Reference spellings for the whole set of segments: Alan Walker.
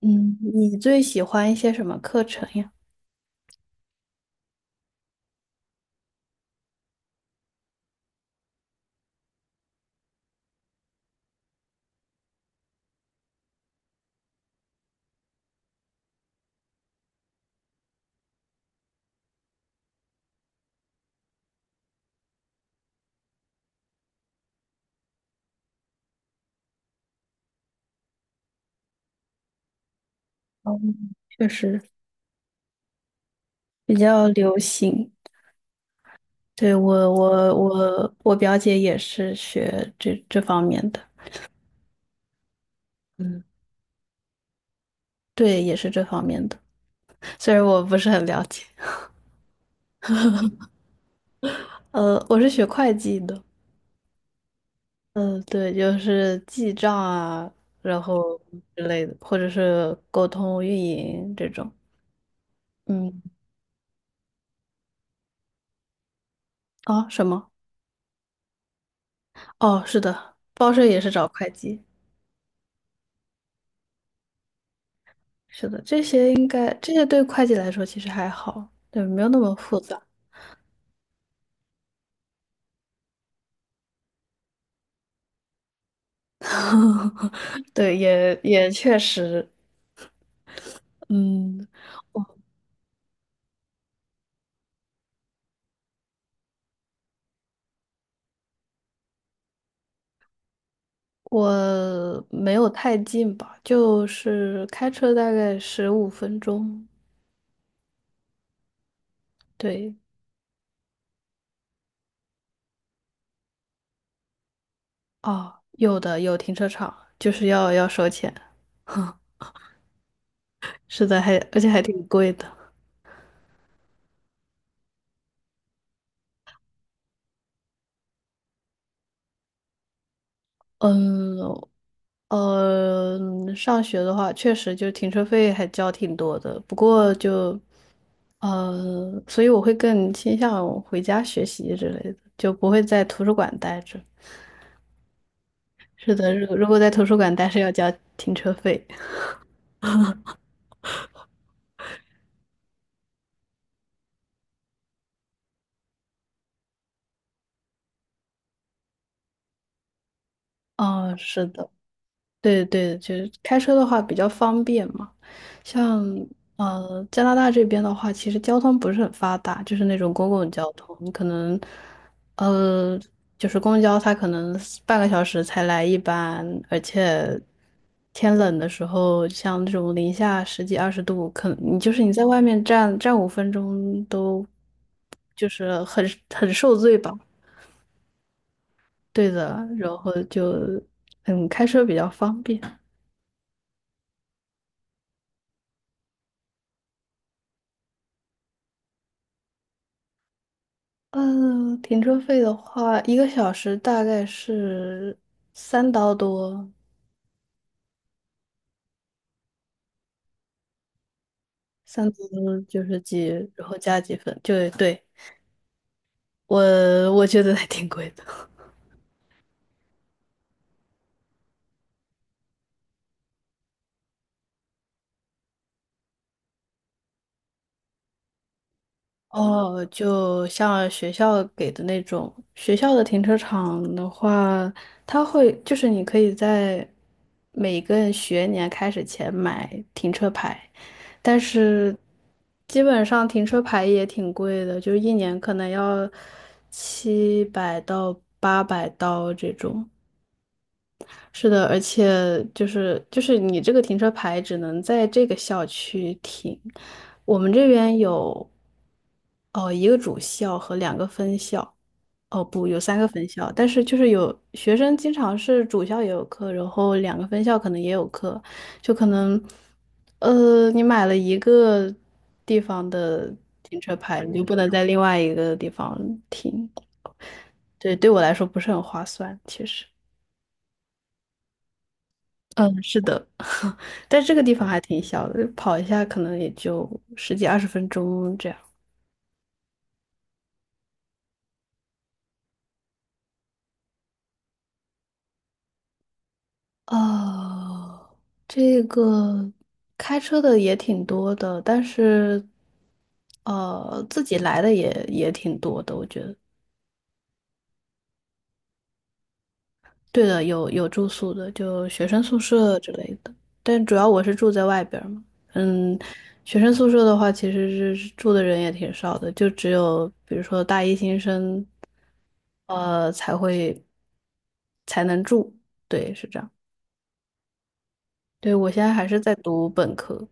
嗯，你最喜欢一些什么课程呀？嗯，确实比较流行。对，我表姐也是学这方面的。嗯，对，也是这方面的，虽然我不是很了解。我是学会计的。嗯，对，就是记账啊，然后之类的，或者是沟通运营这种。嗯，啊，什么？哦，是的，报社也是找会计。是的，这些应该这些对会计来说其实还好，对，没有那么复杂。对，也确实。嗯，我我没有太近吧，就是开车大概15分钟。对，哦，有的有停车场，就是要收钱，是的，还而且还挺贵的。嗯，呃，上学的话，确实就停车费还交挺多的，不过就，所以我会更倾向回家学习之类的，就不会在图书馆待着。是的，如果在图书馆待着要交停车费。哦，是的。对对，就是开车的话比较方便嘛。像加拿大这边的话，其实交通不是很发达，就是那种公共交通，你可能呃就是公交它可能半个小时才来一班，而且天冷的时候，像这种零下十几二十度，可你就是你在外面站五分钟都就是很受罪吧。对的，然后就开车比较方便。嗯，停车费的话，一个小时大概是三刀多，三刀多就是几，然后加几分，就对，我我觉得还挺贵的。哦，就像学校给的那种，学校的停车场的话，它会就是你可以在每个学年开始前买停车牌，但是基本上停车牌也挺贵的，就是一年可能要700到800刀这种。是的，而且就是你这个停车牌只能在这个校区停，我们这边有哦一个主校和两个分校，哦不，有三个分校，但是就是有学生经常是主校也有课，然后两个分校可能也有课，就可能你买了一个地方的停车牌，你就不能在另外一个地方停，对，对我来说不是很划算，其实。嗯，是的。但这个地方还挺小的，跑一下可能也就十几二十分钟这样。哦，这个开车的也挺多的，但是自己来的也挺多的，我觉得。对的，有住宿的，就学生宿舍之类的。但主要我是住在外边儿嘛，嗯，学生宿舍的话，其实是住的人也挺少的，就只有比如说大一新生，呃，才会才能住。对，是这样。对，我现在还是在读本科，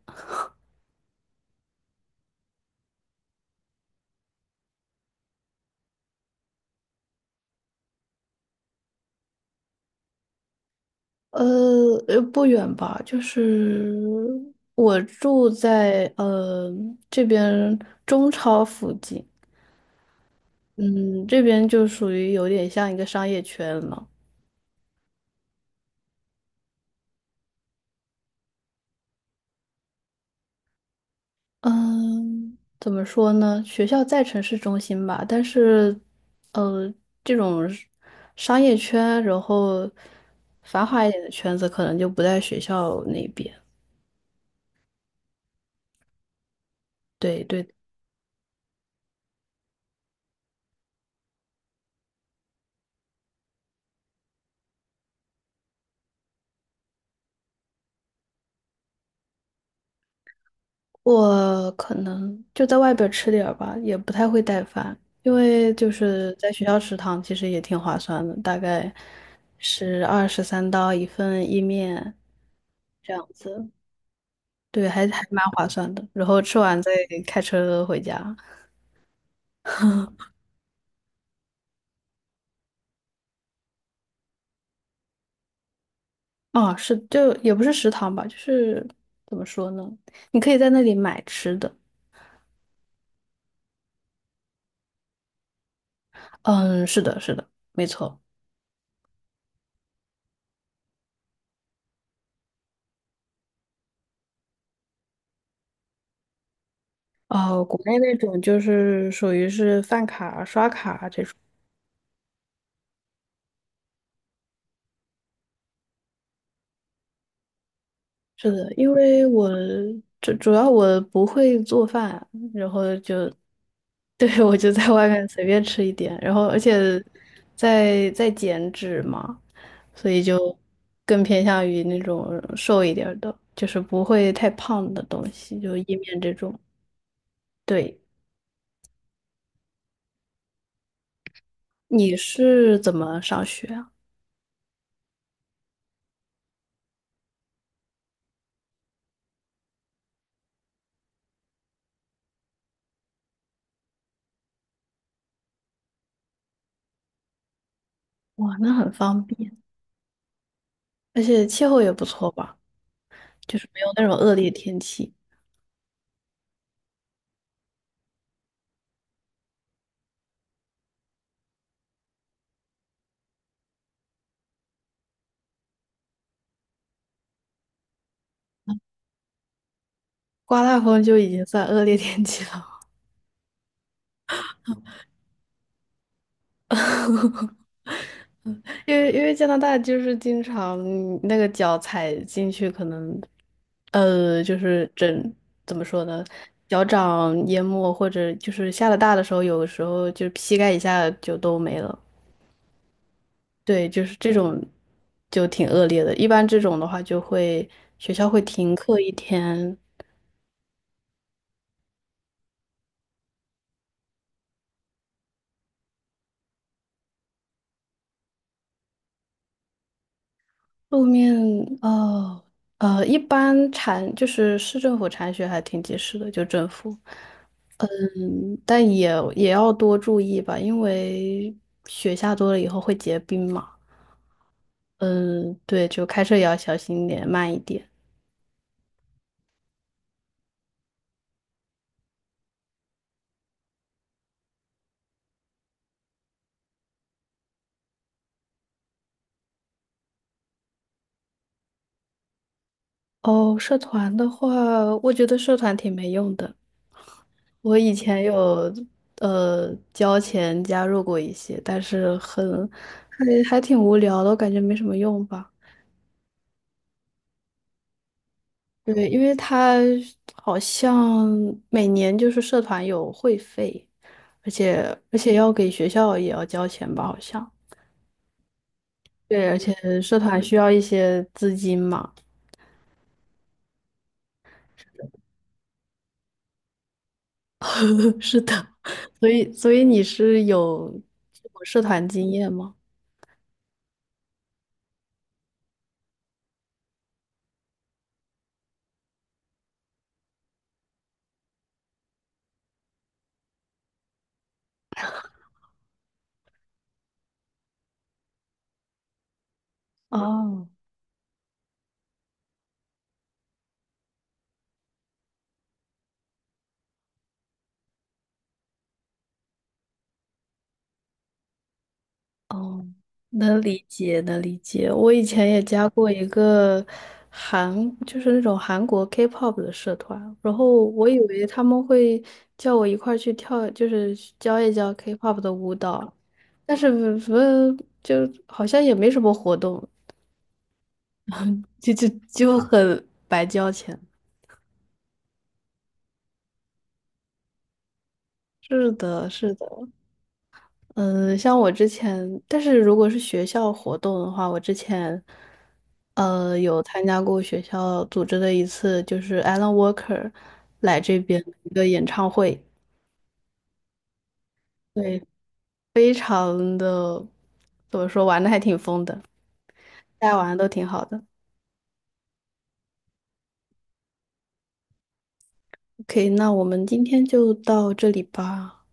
呃，不远吧，就是我住在这边中超附近。嗯，这边就属于有点像一个商业圈了。嗯，怎么说呢？学校在城市中心吧，但是，呃，这种是商业圈，然后繁华一点的圈子，可能就不在学校那边。对对，我可能就在外边吃点儿吧，也不太会带饭，因为就是在学校食堂其实也挺划算的，大概是23刀一份意面这样子。对，还蛮划算的。然后吃完再开车回家。哦，是，就也不是食堂吧，就是怎么说呢？你可以在那里买吃的。嗯，是的，是的，没错。哦，国内那种就是属于是饭卡、刷卡这种。是的，因为我主要我不会做饭，然后就 对，我就在外面随便吃一点，然后而且在减脂嘛，所以就更偏向于那种瘦一点儿的，就是不会太胖的东西，就意面这种。对，你是怎么上学啊？哇，那很方便，而且气候也不错吧，就是没有那种恶劣天气。刮大风就已经算恶劣天气了。因为加拿大就是经常你那个脚踩进去，可能呃，就是整怎么说呢，脚掌淹没，或者就是下了大的时候，有的时候就是膝盖以下就都没了。对，就是这种就挺恶劣的。一般这种的话，就会学校会停课一天。路面哦一般铲就是市政府铲雪还挺及时的，就政府。嗯，但也要多注意吧，因为雪下多了以后会结冰嘛。嗯，对，就开车也要小心一点，慢一点。哦，社团的话，我觉得社团挺没用的。我以前有交钱加入过一些，但是很还挺无聊的，我感觉没什么用吧。对，因为它好像每年就是社团有会费，而且要给学校也要交钱吧，好像。对，而且社团需要一些资金嘛。是的，所以你是有这种社团经验吗？哦哦，能理解，能理解。我以前也加过一个韩，就是那种韩国 K-pop 的社团，然后我以为他们会叫我一块儿去跳，就是教一教 K-pop 的舞蹈，但是不就好像也没什么活动，就就就很白交钱。是的，是的，嗯，像我之前，但是如果是学校活动的话，我之前，有参加过学校组织的一次，就是 Alan Walker 来这边的一个演唱会，对，非常的，怎么说，玩的还挺疯的，大家玩的都挺好的。OK，那我们今天就到这里吧。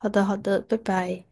好的，好的，拜拜。